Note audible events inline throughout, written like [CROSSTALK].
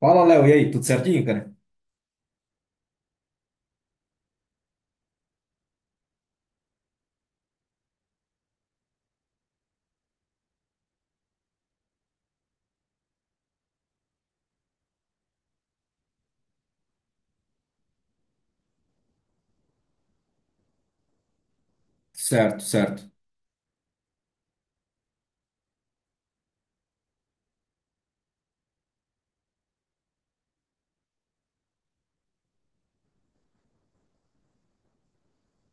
Fala, Léo, e aí, tudo certinho, cara? Certo, certo.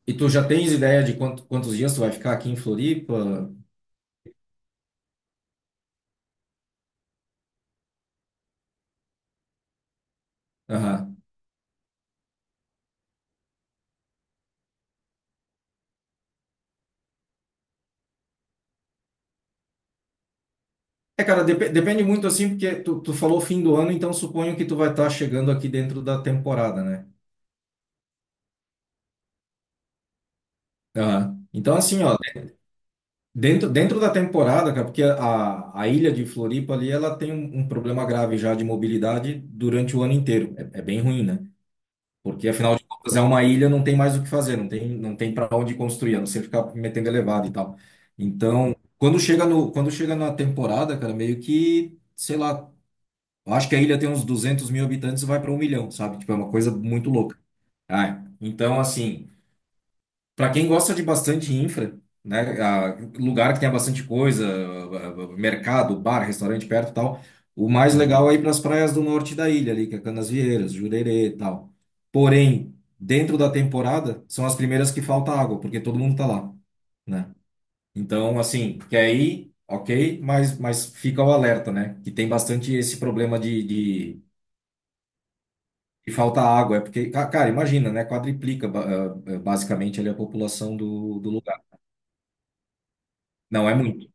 E tu já tens ideia de quantos dias tu vai ficar aqui em Floripa? Aham. É, cara, depende muito assim, porque tu falou fim do ano, então suponho que tu vai estar chegando aqui dentro da temporada, né? Aham. Então, assim, ó, dentro da temporada, cara, porque a ilha de Floripa ali, ela tem um problema grave já de mobilidade durante o ano inteiro. É bem ruim, né? Porque, afinal de contas, é uma ilha, não tem mais o que fazer, não tem para onde construir, a não ser ficar metendo elevado e tal. Então, quando chega no, quando chega na temporada, cara, meio que, sei lá, eu acho que a ilha tem uns 200 mil habitantes e vai para 1 milhão, sabe? Tipo, é uma coisa muito louca. Ah, então, assim. Para quem gosta de bastante infra, né, lugar que tenha bastante coisa, mercado, bar, restaurante perto e tal, o mais legal é ir para as praias do norte da ilha ali, que é Canasvieiras, Jurerê e tal. Porém, dentro da temporada, são as primeiras que falta água, porque todo mundo tá lá, né? Então, assim, quer ir, ok, mas, fica o alerta, né? Que tem bastante esse problema de falta água. É porque, cara, imagina, né? Quadriplica basicamente ali a população do lugar. Não é muito.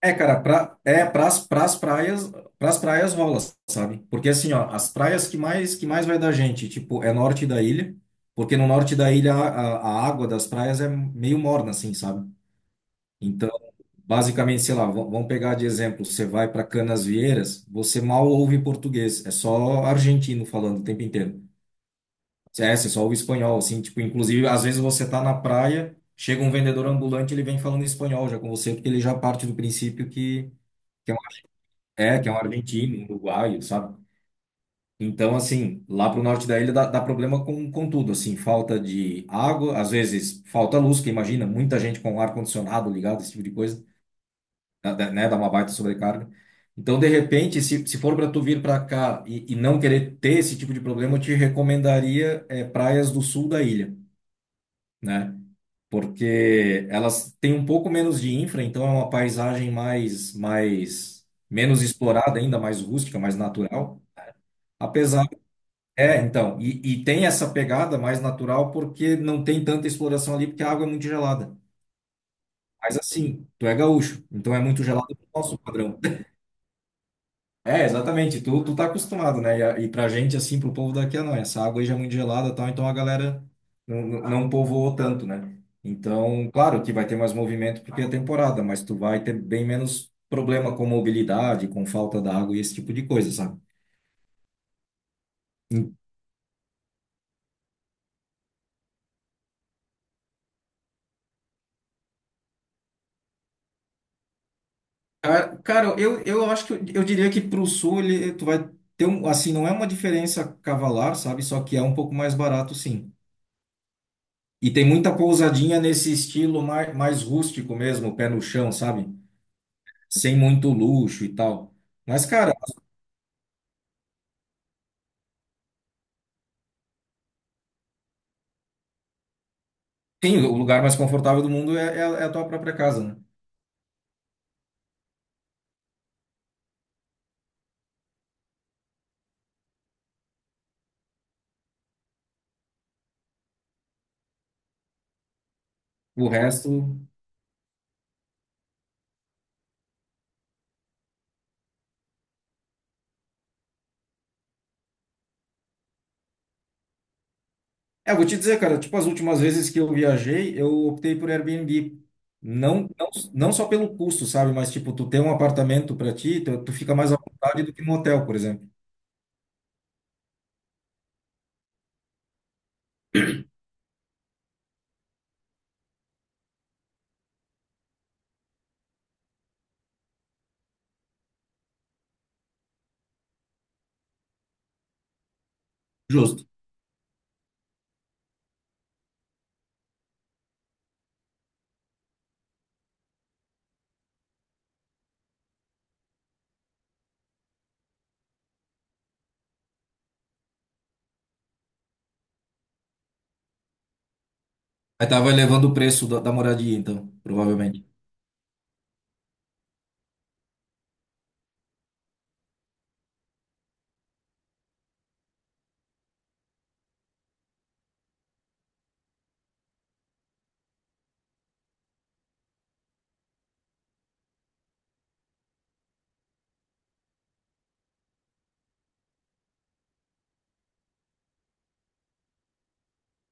É, cara, é pras praias rola, sabe? Porque assim, ó, as praias que mais vai da gente, tipo, é norte da ilha, porque no norte da ilha a água das praias é meio morna, assim, sabe? Então, basicamente, sei lá, vamos pegar de exemplo, você vai para Canasvieiras, você mal ouve português, é só argentino falando o tempo inteiro. É, você só ouve espanhol, assim, tipo, inclusive, às vezes você tá na praia, chega um vendedor ambulante, ele vem falando espanhol já com você, porque ele já parte do princípio que é, que é um argentino, um uruguaio, sabe? Então, assim, lá pro norte da ilha dá problema com tudo, assim, falta de água, às vezes falta luz, que imagina, muita gente com ar-condicionado ligado, esse tipo de coisa, né, dá uma baita sobrecarga. Então, de repente, se for para tu vir para cá e não querer ter esse tipo de problema, eu te recomendaria praias do sul da ilha, né? Porque elas têm um pouco menos de infra, então é uma paisagem mais menos explorada ainda, mais rústica, mais natural. Apesar, é, então, e tem essa pegada mais natural porque não tem tanta exploração ali, porque a água é muito gelada. Mas assim, tu é gaúcho, então é muito gelado pro nosso padrão. [LAUGHS] É, exatamente, tu tá acostumado, né? E pra gente, assim, pro povo daqui, ah, não, essa água aí já é muito gelada e tal, então a galera não povoou tanto, né? Então, claro que vai ter mais movimento porque é temporada, mas tu vai ter bem menos problema com mobilidade, com falta da água e esse tipo de coisa, sabe? Cara, eu acho que eu diria que para o sul ele, tu vai ter um, assim, não é uma diferença cavalar, sabe? Só que é um pouco mais barato, sim. E tem muita pousadinha nesse estilo mais rústico mesmo, pé no chão, sabe? Sem muito luxo e tal. Mas, cara, sim, o lugar mais confortável do mundo é a tua própria casa, né? O resto. É, eu vou te dizer, cara, tipo, as últimas vezes que eu viajei, eu optei por Airbnb. Não só pelo custo, sabe? Mas, tipo, tu ter um apartamento para ti, tu fica mais à vontade do que num hotel, por exemplo. Justo. Aí tava elevando o preço da moradia, então, provavelmente.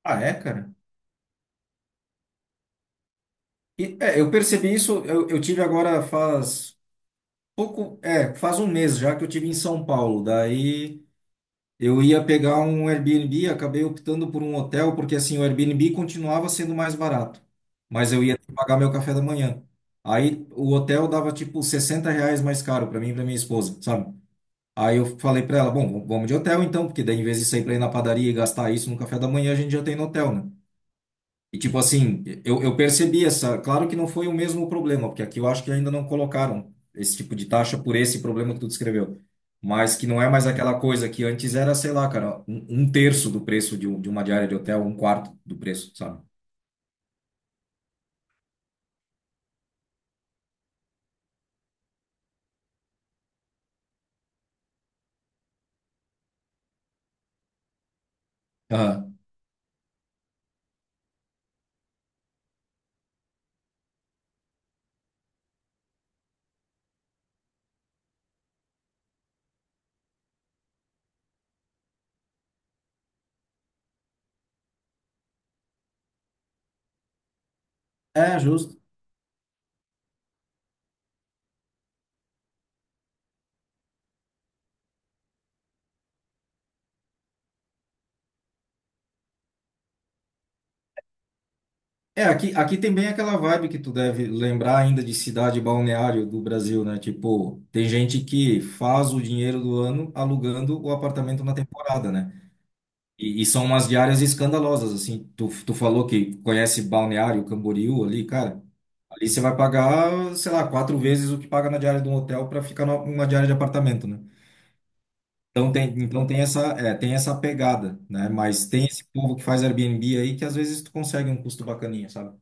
Ah, é, cara? Eu percebi isso, eu tive agora faz pouco, faz um mês já que eu tive em São Paulo. Daí. Eu ia pegar um Airbnb, acabei optando por um hotel, porque assim, o Airbnb continuava sendo mais barato, mas eu ia ter que pagar meu café da manhã. Aí o hotel dava tipo R$ 60 mais caro para mim e para minha esposa, sabe? Aí eu falei para ela, bom, vamos de hotel então, porque daí em vez de sair para ir na padaria e gastar isso no café da manhã, a gente já tem no hotel, né? E tipo assim, eu percebi essa. Claro que não foi o mesmo problema, porque aqui eu acho que ainda não colocaram esse tipo de taxa por esse problema que tu descreveu. Mas que não é mais aquela coisa que antes era, sei lá, cara, um, terço do preço de uma diária de hotel, um quarto do preço, sabe? Aham. É, justo. É, aqui tem bem aquela vibe que tu deve lembrar ainda de cidade balneário do Brasil, né? Tipo, tem gente que faz o dinheiro do ano alugando o apartamento na temporada, né? E são umas diárias escandalosas, assim. Tu falou que conhece Balneário Camboriú ali, cara. Ali você vai pagar, sei lá, quatro vezes o que paga na diária de um hotel para ficar numa diária de apartamento, né? Tem essa pegada, né? Mas tem esse povo que faz Airbnb aí que às vezes tu consegue um custo bacaninha, sabe?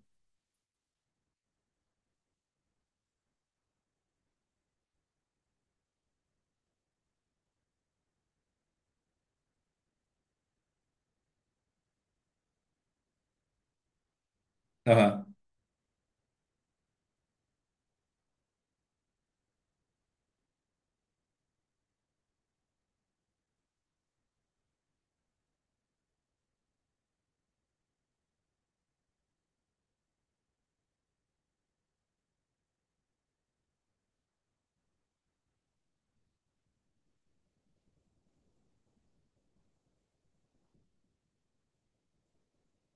Aham,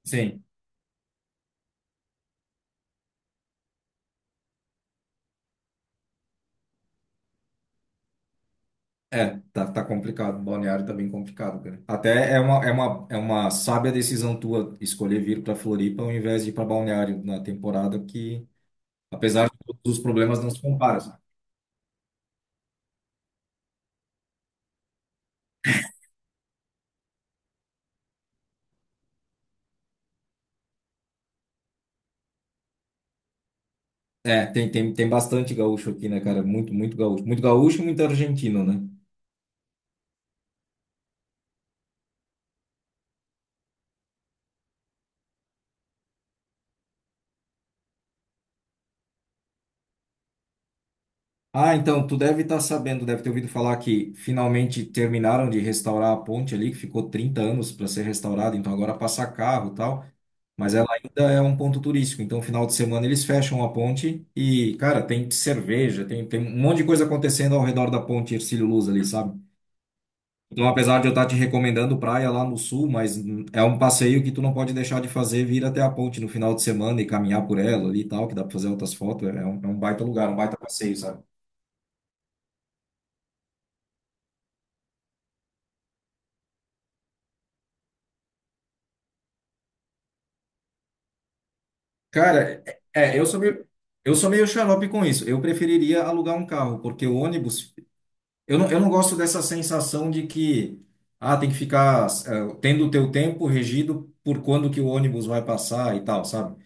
sim. É, tá complicado. Balneário tá bem complicado, cara. Até é uma, sábia decisão tua escolher vir pra Floripa ao invés de ir pra Balneário na temporada que apesar de todos os problemas, não se compara, sabe? É, tem bastante gaúcho aqui, né, cara? Muito, muito gaúcho. Muito gaúcho e muito argentino, né? Ah, então, tu deve estar sabendo, deve ter ouvido falar que finalmente terminaram de restaurar a ponte ali, que ficou 30 anos para ser restaurada, então agora passa carro e tal, mas ela ainda é um ponto turístico, então final de semana eles fecham a ponte e, cara, tem cerveja, tem um monte de coisa acontecendo ao redor da ponte Hercílio Luz ali, sabe? Então, apesar de eu estar te recomendando praia lá no sul, mas é um passeio que tu não pode deixar de fazer, vir até a ponte no final de semana e caminhar por ela ali e tal, que dá para fazer outras fotos. É um baita lugar, um baita passeio, sabe? Cara, é, eu sou meio, eu sou meio xarope com isso. Eu preferiria alugar um carro, porque o ônibus, eu não gosto dessa sensação de que, ah, tem que ficar, tendo o teu tempo regido por quando que o ônibus vai passar e tal, sabe?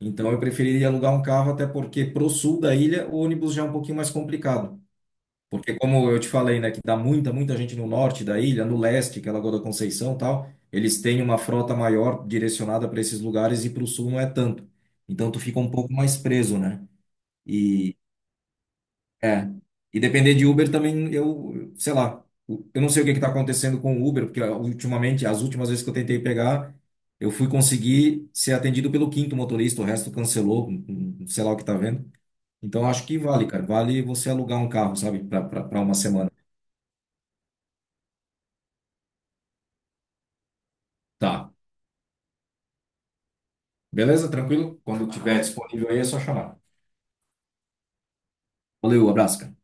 Então, eu preferiria alugar um carro, até porque pro sul da ilha o ônibus já é um pouquinho mais complicado. Porque como eu te falei, né, que dá muita, muita gente no norte da ilha, no leste, que é Lagoa da Conceição e tal, eles têm uma frota maior direcionada para esses lugares e para o sul não é tanto. Então tu fica um pouco mais preso, né? E é, e depender de Uber também eu, sei lá, eu não sei o que que tá acontecendo com o Uber, porque ultimamente, as últimas vezes que eu tentei pegar, eu fui conseguir ser atendido pelo quinto motorista, o resto cancelou, sei lá o que tá vendo. Então acho que vale, cara, vale você alugar um carro, sabe, para uma semana. Tá. Beleza? Tranquilo? Quando tiver disponível aí é só chamar. Valeu, abraço, cara.